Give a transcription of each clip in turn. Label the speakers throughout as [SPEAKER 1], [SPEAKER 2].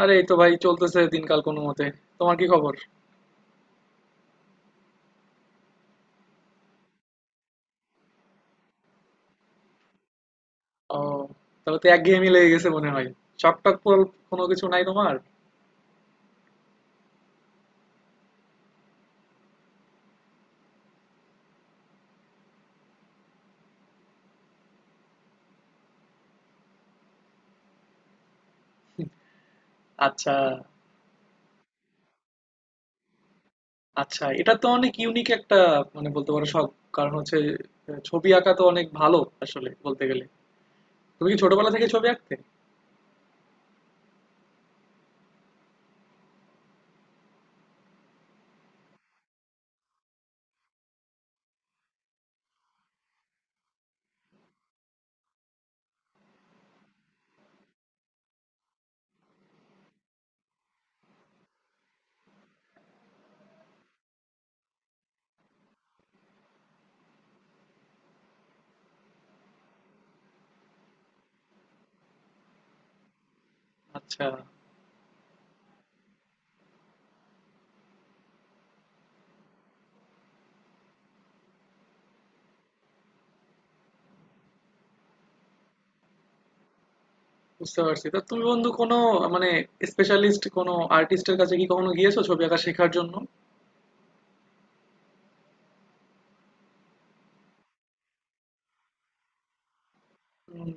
[SPEAKER 1] আরে এই তো ভাই চলতেছে দিনকাল কোনো মতে। তোমার কি খবর? ও, তাহলে তো একঘেয়েমি লেগে গেছে মনে হয়। শখ টখ কোনো কিছু নাই তোমার? আচ্ছা, আচ্ছা, এটা তো অনেক ইউনিক একটা, মানে বলতে পারো শখ। কারণ হচ্ছে ছবি আঁকা তো অনেক ভালো আসলে বলতে গেলে। তুমি কি ছোটবেলা থেকে ছবি আঁকতে? আচ্ছা। বুঝতে পারছি। তা তুমি বন্ধু কোনো, মানে স্পেশালিস্ট কোনো আর্টিস্টের কাছে কি কখনো গিয়েছো ছবি আঁকা শেখার জন্য? হুম।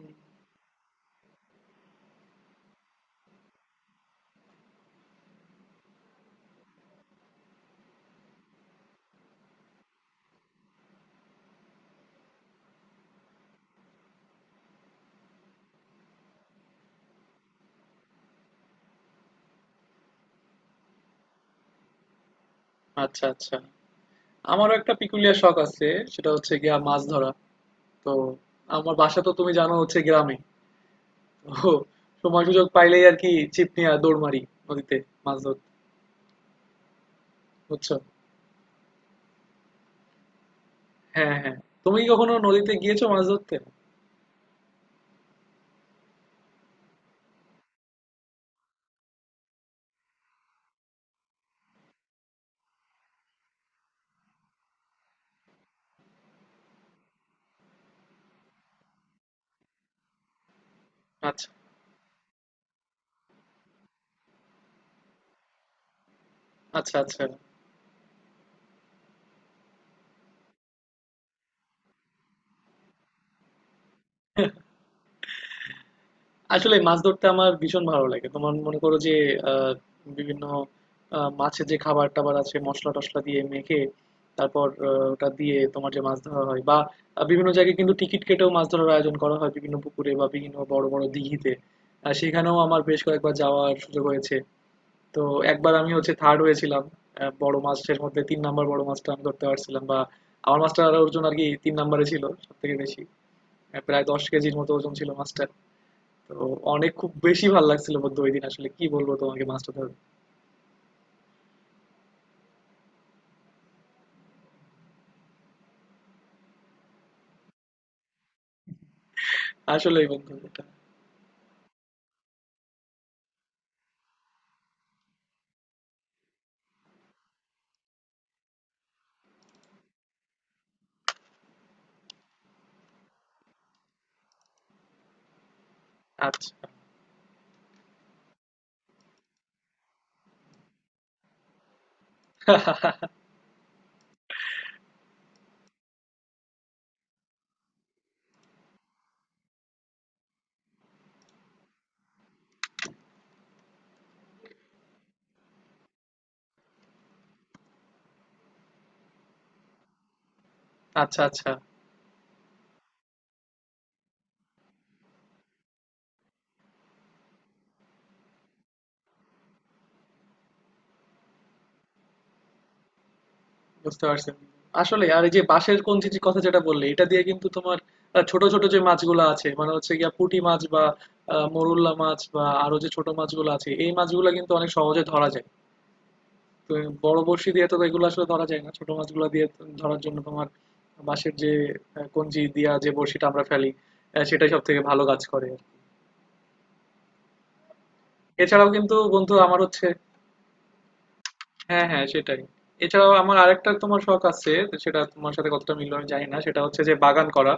[SPEAKER 1] আচ্ছা, আচ্ছা, আমারও একটা পিকুলিয়ার শখ আছে। সেটা হচ্ছে গিয়া মাছ ধরা। তো আমার বাসা তো তুমি জানো হচ্ছে গ্রামে। তো সময় সুযোগ পাইলেই আর কি ছিপ নিয়ে দৌড় মারি নদীতে মাছ ধরতে। বুঝছো? হ্যাঁ, হ্যাঁ। তুমি কি কখনো নদীতে গিয়েছো মাছ ধরতে? আচ্ছা, আচ্ছা, আচ্ছা। আসলে মাছ ধরতে আমার ভীষণ ভালো লাগে। তোমার মনে করো যে আহ, বিভিন্ন মাছের যে খাবার টাবার আছে মশলা টশলা দিয়ে মেখে তারপর ওটা দিয়ে তোমার যে মাছ ধরা হয় বা বিভিন্ন জায়গায় কিন্তু টিকিট কেটেও মাছ ধরার আয়োজন করা হয় বিভিন্ন পুকুরে বা বিভিন্ন বড় বড় দিঘিতে। সেখানেও আমার বেশ কয়েকবার যাওয়ার সুযোগ হয়েছে। তো একবার আমি হচ্ছে থার্ড হয়েছিলাম। বড় মাছের মধ্যে 3 নাম্বার বড় মাছটা আমি ধরতে পারছিলাম বা আমার মাছটার ওজন আর কি 3 নাম্বারে ছিল সব থেকে বেশি। প্রায় 10 কেজির মতো ওজন ছিল মাছটা। তো অনেক, খুব বেশি ভালো লাগছিল বন্ধু ওই দিন, আসলে কি বলবো তোমাকে মাছটা ধর। আসলেই বন্ধু এটা। আচ্ছা, আচ্ছা, আচ্ছা। বুঝতে পারছি। আসলে আর এই যে বাঁশের কঞ্চির কথা যেটা বললে এটা দিয়ে কিন্তু তোমার ছোট ছোট যে মাছগুলো আছে মানে হচ্ছে গিয়া পুঁটি মাছ বা মোরুল্লা মাছ বা আরো যে ছোট মাছগুলো আছে এই মাছগুলো কিন্তু অনেক সহজে ধরা যায়। তো বড় বড়শি দিয়ে তো এগুলো আসলে ধরা যায় না, ছোট মাছগুলো দিয়ে তো ধরার জন্য তোমার বাঁশের যে কঞ্চি দিয়া যে বড়শিটা আমরা ফেলি সেটাই সব থেকে ভালো কাজ করে। এছাড়াও কিন্তু বন্ধু আমার হচ্ছে, হ্যাঁ, হ্যাঁ, সেটাই। এছাড়াও আমার আরেকটা তোমার শখ আছে, তো সেটা তোমার সাথে কতটা মিললো আমি জানি না, সেটা হচ্ছে যে বাগান করা।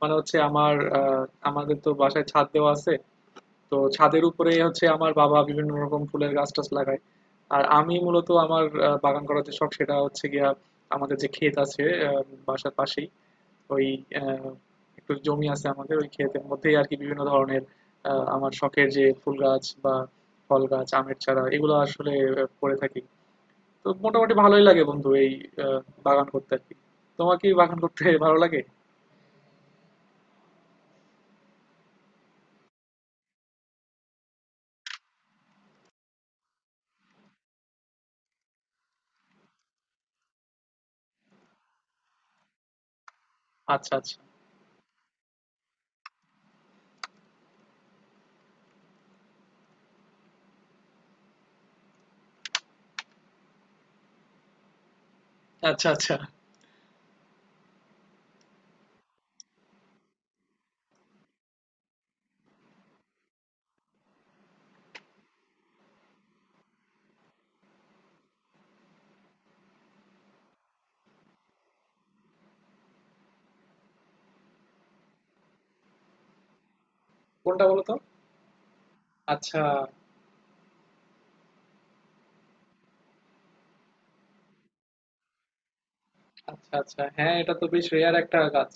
[SPEAKER 1] মানে হচ্ছে আমার আহ, আমাদের তো বাসায় ছাদ দেওয়া আছে। তো ছাদের উপরে হচ্ছে আমার বাবা বিভিন্ন রকম ফুলের গাছ টাছ লাগায়। আর আমি মূলত আমার বাগান করার যে শখ সেটা হচ্ছে গিয়া আমাদের যে ক্ষেত আছে আহ, বাসার পাশেই ওই আহ, একটু জমি আছে আমাদের, ওই ক্ষেতের মধ্যেই আর কি বিভিন্ন ধরনের আমার শখের যে ফুল গাছ বা ফল গাছ আমের চারা এগুলো আসলে করে থাকি। তো মোটামুটি ভালোই লাগে বন্ধু এই আহ, বাগান করতে আর কি। তোমার কি বাগান করতে ভালো লাগে? আচ্ছা, আচ্ছা, আচ্ছা, আচ্ছা। কোনটা বলো তো? আচ্ছা, আচ্ছা, আচ্ছা, হ্যাঁ, এটা তো বেশ রেয়ার একটা গাছ।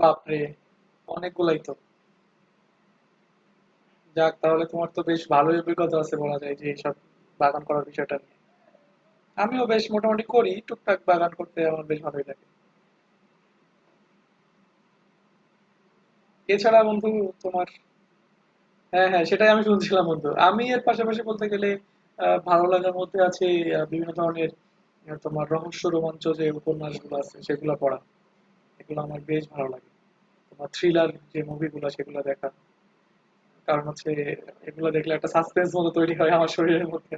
[SPEAKER 1] বাপরে, অনেকগুলাই তো! যাক, তাহলে তোমার তো বেশ ভালোই অভিজ্ঞতা আছে বলা যায় যে এইসব বাগান করার বিষয়টা নিয়ে। আমিও বেশ মোটামুটি করি, টুকটাক বাগান করতে আমার বেশ ভালোই লাগে। এছাড়া বন্ধু তোমার হ্যাঁ, হ্যাঁ, সেটাই আমি শুনছিলাম বন্ধু। আমি এর পাশাপাশি বলতে গেলে ভালো লাগার মধ্যে আছে বিভিন্ন ধরনের তোমার রহস্য রোমাঞ্চ যে উপন্যাসগুলো আছে সেগুলো পড়া। এগুলো আমার বেশ ভালো লাগে। তোমার থ্রিলার যে মুভিগুলো সেগুলো দেখা, কারণ হচ্ছে এগুলো দেখলে একটা সাসপেন্স মতো তৈরি হয় আমার শরীরের মধ্যে।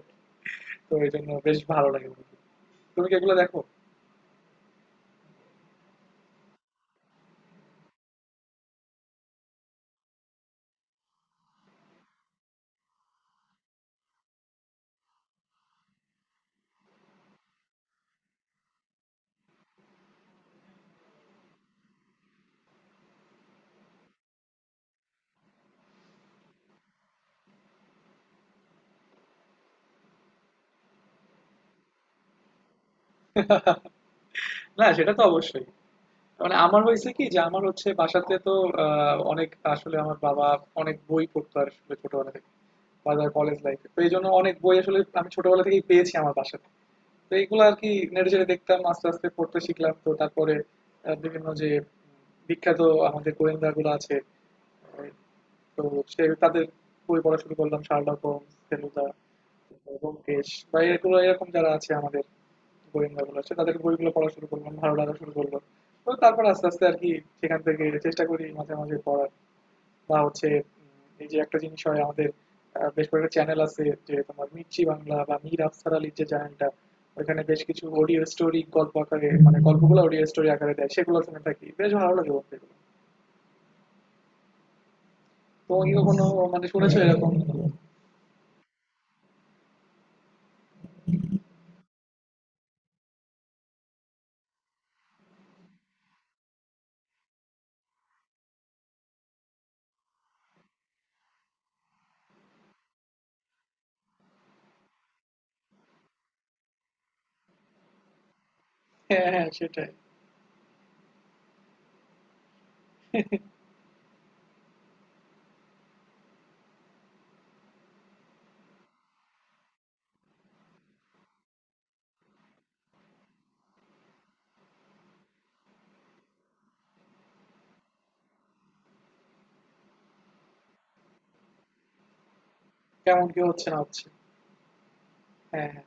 [SPEAKER 1] তো এই জন্য বেশ ভালো লাগে বন্ধু। তুমি কি এগুলো দেখো? না সেটা তো অবশ্যই। মানে আমার হয়েছে কি যে আমার হচ্ছে বাসাতে তো অনেক আসলে আমার বাবা অনেক বই পড়তো আর আসলে ছোটবেলা থেকে। বা ধর কলেজ লাইফে, তো এই জন্য অনেক বই আসলে আমি ছোটবেলা থেকেই পেয়েছি আমার বাসাতে। তো এইগুলো আর কি নেড়ে চেড়ে দেখতাম আস্তে আস্তে পড়তে শিখলাম, তো তারপরে বিভিন্ন যে বিখ্যাত আমাদের গোয়েন্দা গুলো আছে তো সে তাদের বই পড়া শুরু করলাম: শার্লক হোমস, ফেলুদা, তারপর ব্যোমকেশ বা এগুলো, এরকম যারা আছে আমাদের গোয়েন্দা গুলো আছে তাদের বইগুলো পড়া শুরু করলাম, ভালো লাগা শুরু করলো। তো তারপর আস্তে আস্তে আর কি সেখান থেকে চেষ্টা করি মাঝে মাঝে পড়ার বা হচ্ছে এই যে একটা জিনিস হয় আমাদের বেশ কয়েকটা চ্যানেল আছে যে তোমার মির্চি বাংলা বা মীর আফসার আলীর যে চ্যানেলটা, ওখানে বেশ কিছু অডিও স্টোরি গল্প আকারে, মানে গল্পগুলো অডিও স্টোরি আকারে দেয়, সেগুলো শুনে থাকি, বেশ ভালো লাগে বলতে গেলে। তুমি কি কখনো মানে শুনেছো এরকম? হ্যাঁ, হ্যাঁ, সেটাই। কেমন কি হচ্ছে না হচ্ছে। হ্যাঁ, হ্যাঁ।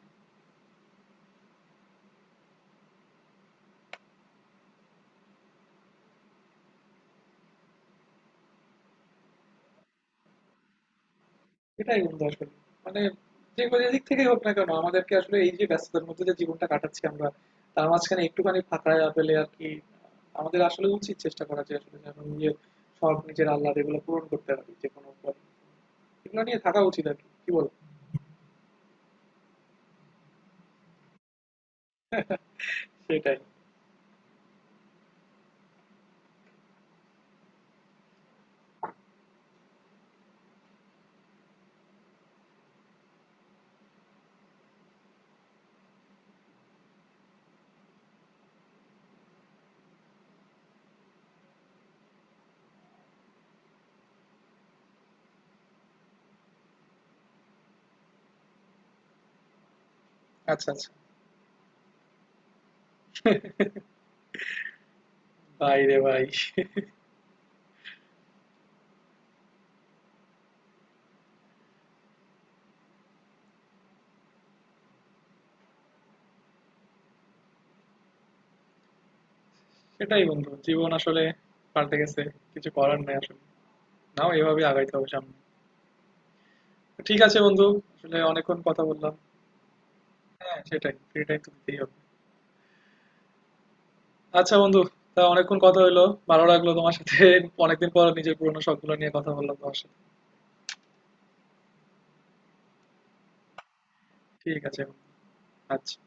[SPEAKER 1] এটাই বন্ধু আসলে, মানে যে কোনো দিক থেকেই হোক না কেন আমাদেরকে আসলে, এই যে ব্যস্ততার মধ্যে যে জীবনটা কাটাচ্ছি আমরা তার মাঝখানে একটুখানি ফাঁকা পেলে আর কি আমাদের আসলে উচিত চেষ্টা করা যে আসলে যেন নিজের শখ নিজের আহ্লাদ এগুলো পূরণ করতে পারি যে কোনো উপায়। এগুলো নিয়ে থাকা উচিত আর কি, কি বল? সেটাই। আচ্ছা, আচ্ছা। ভাই রে ভাই! সেটাই বন্ধু, জীবন আসলে পাল্টে গেছে, কিছু করার নাই আসলে। নাও, এভাবে আগাইতে হবে সামনে। ঠিক আছে বন্ধু, আসলে অনেকক্ষণ কথা বললাম। হ্যাঁ, সেটাই, ফ্রি টাইম তো দিতেই হবে। আচ্ছা বন্ধু, তা অনেকক্ষণ কথা হইলো। ভালো লাগলো তোমার সাথে, অনেকদিন পর নিজের পুরোনো শখ গুলো নিয়ে কথা বললাম তোমার সাথে। ঠিক আছে বন্ধু, আচ্ছা।